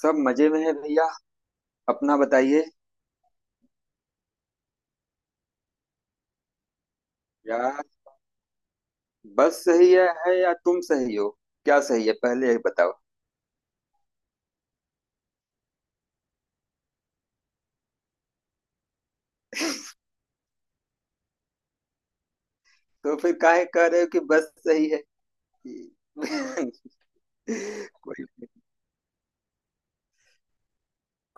सब मजे में है भैया। अपना बताइए। यार बस सही है या तुम सही हो? क्या सही है, पहले ये बताओ। तो फिर काहे कह रहे हो कि बस सही है? कोई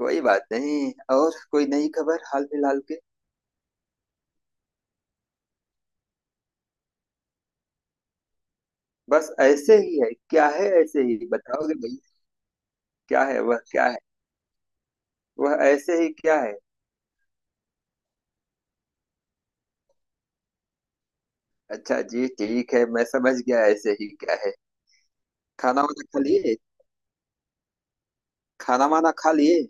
कोई बात नहीं। और कोई नई खबर हाल फिलहाल के? बस ऐसे ही है क्या है? ऐसे ही बताओगे भैया? क्या है, वह क्या है? वह ऐसे ही क्या है? अच्छा जी, ठीक है, मैं समझ गया ऐसे ही क्या है। खाना वाना खा लिए? खाना वाना खा लिए?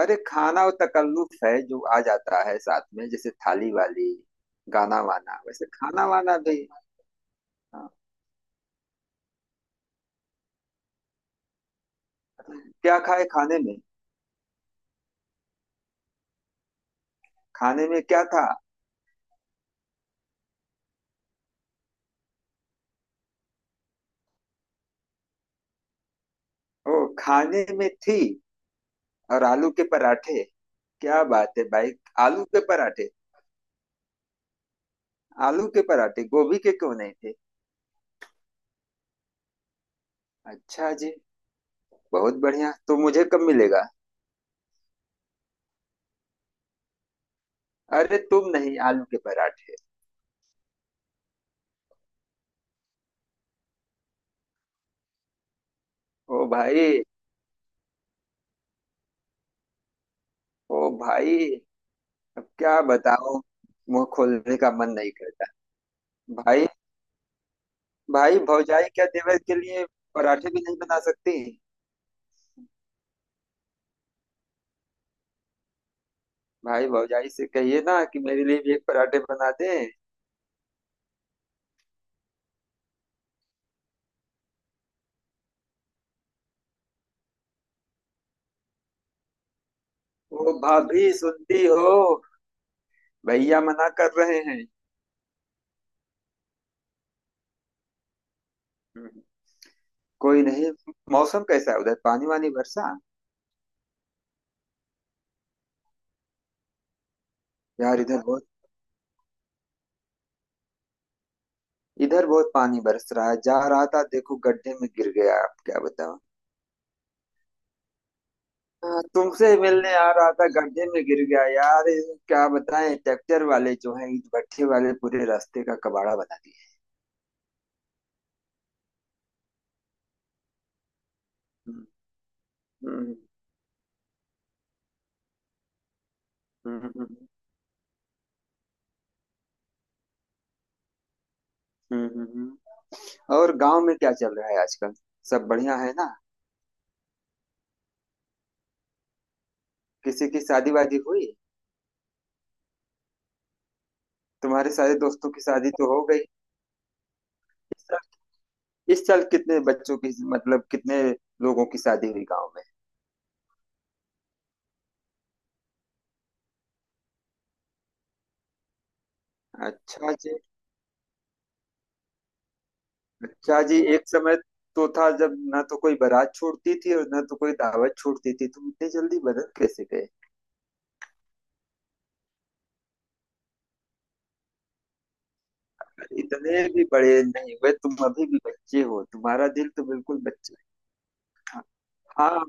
अरे खाना वो तकल्लुफ है जो आ जाता है साथ में, जैसे थाली वाली। गाना वाना, वैसे खाना वाना भी। हाँ। क्या खाए खाने में? खाने में क्या था? ओ, खाने में थी। और आलू के पराठे! क्या बात है भाई! आलू के पराठे। आलू के पराठे, गोभी के क्यों नहीं थे? अच्छा जी। बहुत बढ़िया, तो मुझे कब मिलेगा? अरे तुम नहीं, आलू के पराठे। ओ भाई! ओ भाई! अब क्या बताओ, मुंह खोलने का मन नहीं करता। भाई, भाई भौजाई क्या देवर के लिए पराठे भी नहीं बना सकती? भाई भौजाई से कहिए ना, कि मेरे लिए भी एक पराठे बना दे। वो भाभी सुनती हो, भैया मना कर रहे हैं। हम्म। कोई नहीं। मौसम कैसा है उधर? पानी वानी बरसा? यार इधर बहुत पानी बरस रहा है, जा रहा था, देखो गड्ढे में गिर गया, आप क्या बताओ। हाँ, तुमसे मिलने आ रहा था, गड्ढे में गिर गया यार। ये क्या बताएं, ट्रैक्टर वाले जो हैं, ईट भट्ठे वाले, पूरे रास्ते का कबाड़ा बना दिए। हम्म, हम्म, हम्म, हम्म। हम्म हम्म, हम्म। और गांव में क्या चल रहा है आजकल? सब बढ़िया है ना? किसी की शादी वादी हुई? तुम्हारे सारे दोस्तों की शादी तो हो गई। इस साल इस साल कितने बच्चों की, मतलब कितने लोगों की शादी हुई गांव में? अच्छा जी। अच्छा जी, एक समय तो था जब ना तो कोई बारात छोड़ती थी और ना तो कोई दावत छोड़ती थी, तुम इतने जल्दी बदल कैसे गए? इतने भी बड़े नहीं हुए तुम, अभी भी बच्चे हो, तुम्हारा दिल तो बिल्कुल बच्चे। हाँ,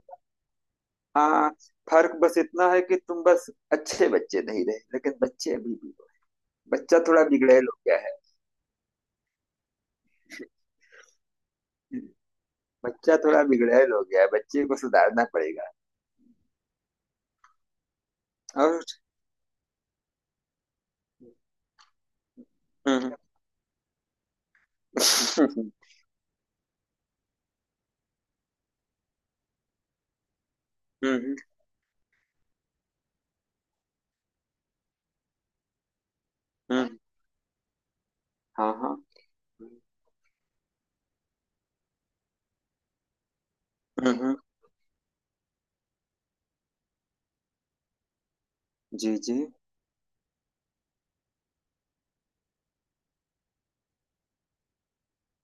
हाँ। फर्क बस इतना है कि तुम बस अच्छे बच्चे नहीं रहे, लेकिन बच्चे अभी भी हो। बच्चा थोड़ा बिगड़ैल हो गया है। बच्चा थोड़ा बिगड़ैल हो गया है, बच्चे को सुधारना पड़ेगा। और हम्म। हम्म हम्म, हम्म, हाँ हाँ, हम्म हम्म, जी जी,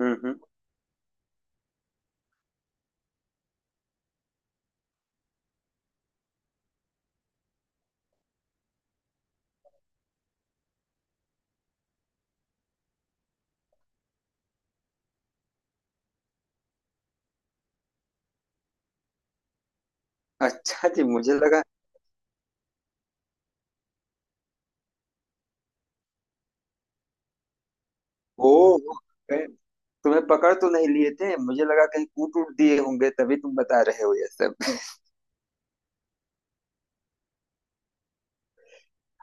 हम्म हम्म। अच्छा जी, मुझे लगा। ओ, कहीं तुम्हें पकड़ तो नहीं लिए थे, मुझे लगा कहीं कूट उट दिए होंगे, तभी तुम बता रहे हो ये सब।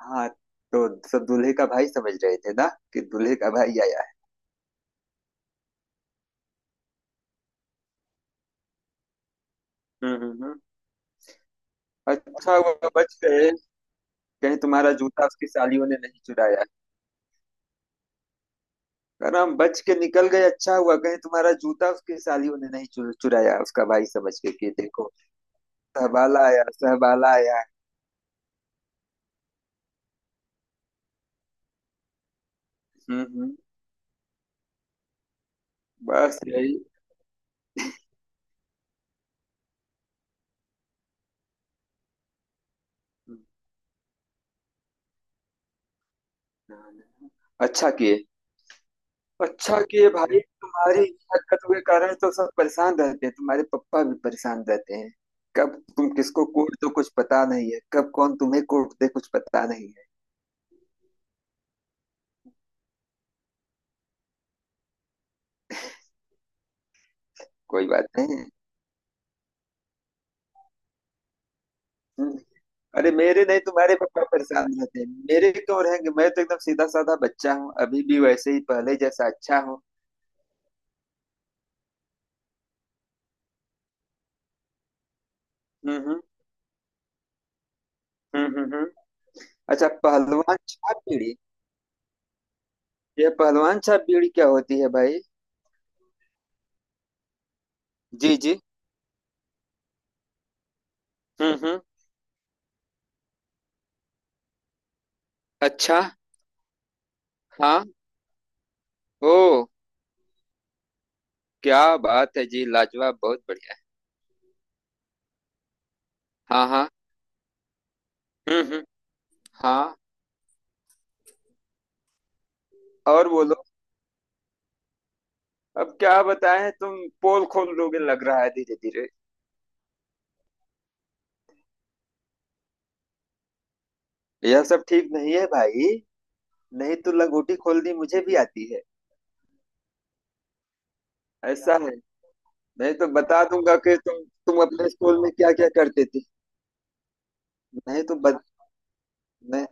हाँ, तो सब दूल्हे का भाई समझ रहे थे ना, कि दूल्हे का भाई आया है। हम्म। अच्छा हुआ बच गए। कहीं तुम्हारा जूता उसकी सालियों ने नहीं चुराया? अरे हम बच के निकल गए, अच्छा हुआ। कहीं तुम्हारा जूता उसकी सालियों ने नहीं चुराया, उसका भाई समझ के कि देखो सहबाला आया, सहबाला आया। हम्म। बस यही? अच्छा किए। अच्छा किए भाई, तुम्हारी हरकत के कारण तो सब परेशान रहते हैं, तुम्हारे पापा भी परेशान रहते हैं। कब तुम किसको कोर्ट दो कुछ पता नहीं है, कब कौन तुम्हें कोर्ट दे कुछ पता नहीं है। कोई बात नहीं। हम्म। अरे मेरे नहीं, तुम्हारे पापा परेशान रहते हैं। मेरे क्यों रहेंगे, मैं तो एकदम सीधा साधा बच्चा हूँ, अभी भी वैसे ही पहले जैसा अच्छा हूँ। हम्म, हम्म, अच्छा, पहलवान छाप बीड़ी। यह पहलवान छाप बीड़ी क्या होती है भाई? जी जी। हम्म। अच्छा। हाँ। ओ, क्या बात है जी, लाजवाब, बहुत बढ़िया। हाँ हाँ। हम्म। हाँ। और बोलो। अब क्या बताएं, तुम पोल खोल लोगे लग रहा है धीरे धीरे। यह सब ठीक नहीं है भाई, नहीं तो लंगोटी खोलनी मुझे भी आती है। ऐसा है, नहीं तो बता दूंगा कि तुम अपने स्कूल में क्या क्या करते थे। नहीं तो बत, नहीं,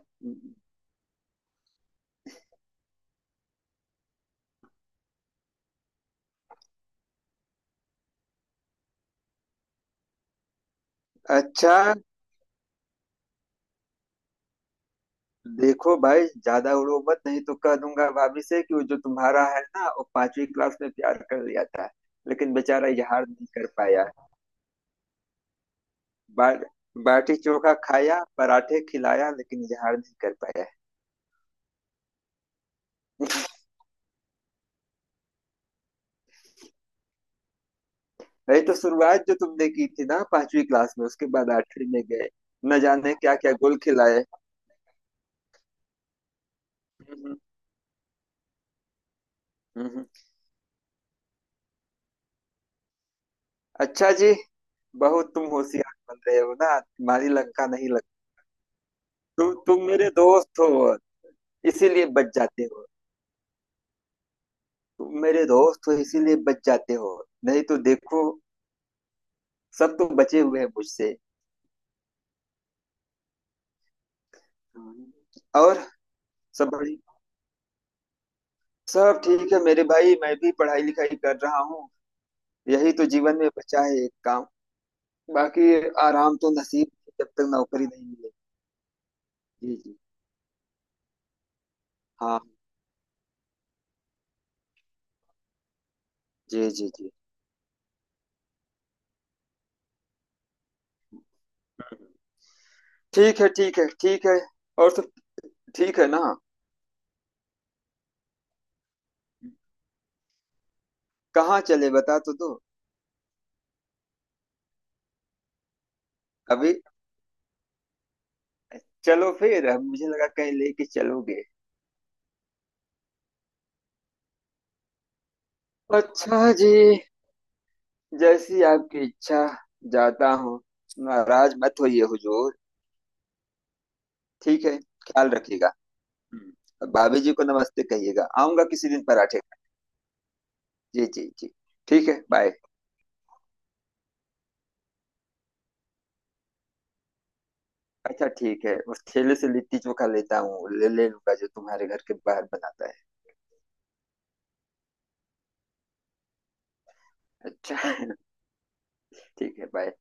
अच्छा देखो भाई, ज्यादा उड़ो मत, नहीं तो कह दूंगा भाभी से कि वो जो तुम्हारा है ना, वो पांचवी क्लास में प्यार कर लिया था, लेकिन बेचारा इजहार नहीं कर पाया। बा, बाटी चोखा खाया, पराठे खिलाया, लेकिन इजहार नहीं कर पाया। नहीं तो शुरुआत जो तुमने की थी ना पांचवी क्लास में, उसके बाद आठवीं में गए, न जाने क्या क्या गोल खिलाए। हम्म हम्म, हम्म। अच्छा जी, बहुत तुम होशियार बन रहे हो ना, तुम्हारी लंका नहीं लग। तुम मेरे दोस्त हो इसीलिए बच जाते हो। तुम मेरे दोस्त हो इसीलिए बच जाते हो, नहीं तो देखो, सब तो बचे हुए हैं मुझसे। और सब बड़ी सब ठीक है मेरे भाई, मैं भी पढ़ाई लिखाई कर रहा हूँ, यही तो जीवन में बचा है एक काम। बाकी आराम तो नसीब, जब तक नौकरी नहीं मिलेगी। जी जी। हाँ। जी जी जी। ठीक है, ठीक है, ठीक है। और सब ठीक है ना? कहाँ चले, बता तो दो। अभी? चलो फिर। अब मुझे लगा कहीं लेके चलोगे। अच्छा जी, जैसी आपकी इच्छा। जाता हूँ, नाराज मत होइए हुजूर। ठीक है, ख्याल रखिएगा। हम्म। और भाभी जी को नमस्ते कहिएगा, आऊंगा किसी दिन पराठे खाने। जी जी जी। ठीक है, बाय। अच्छा ठीक है, उस ठेले से लिट्टी चोखा लेता हूँ, ले ले लूंगा जो तुम्हारे घर के बाहर बनाता है। अच्छा। ठीक है, बाय।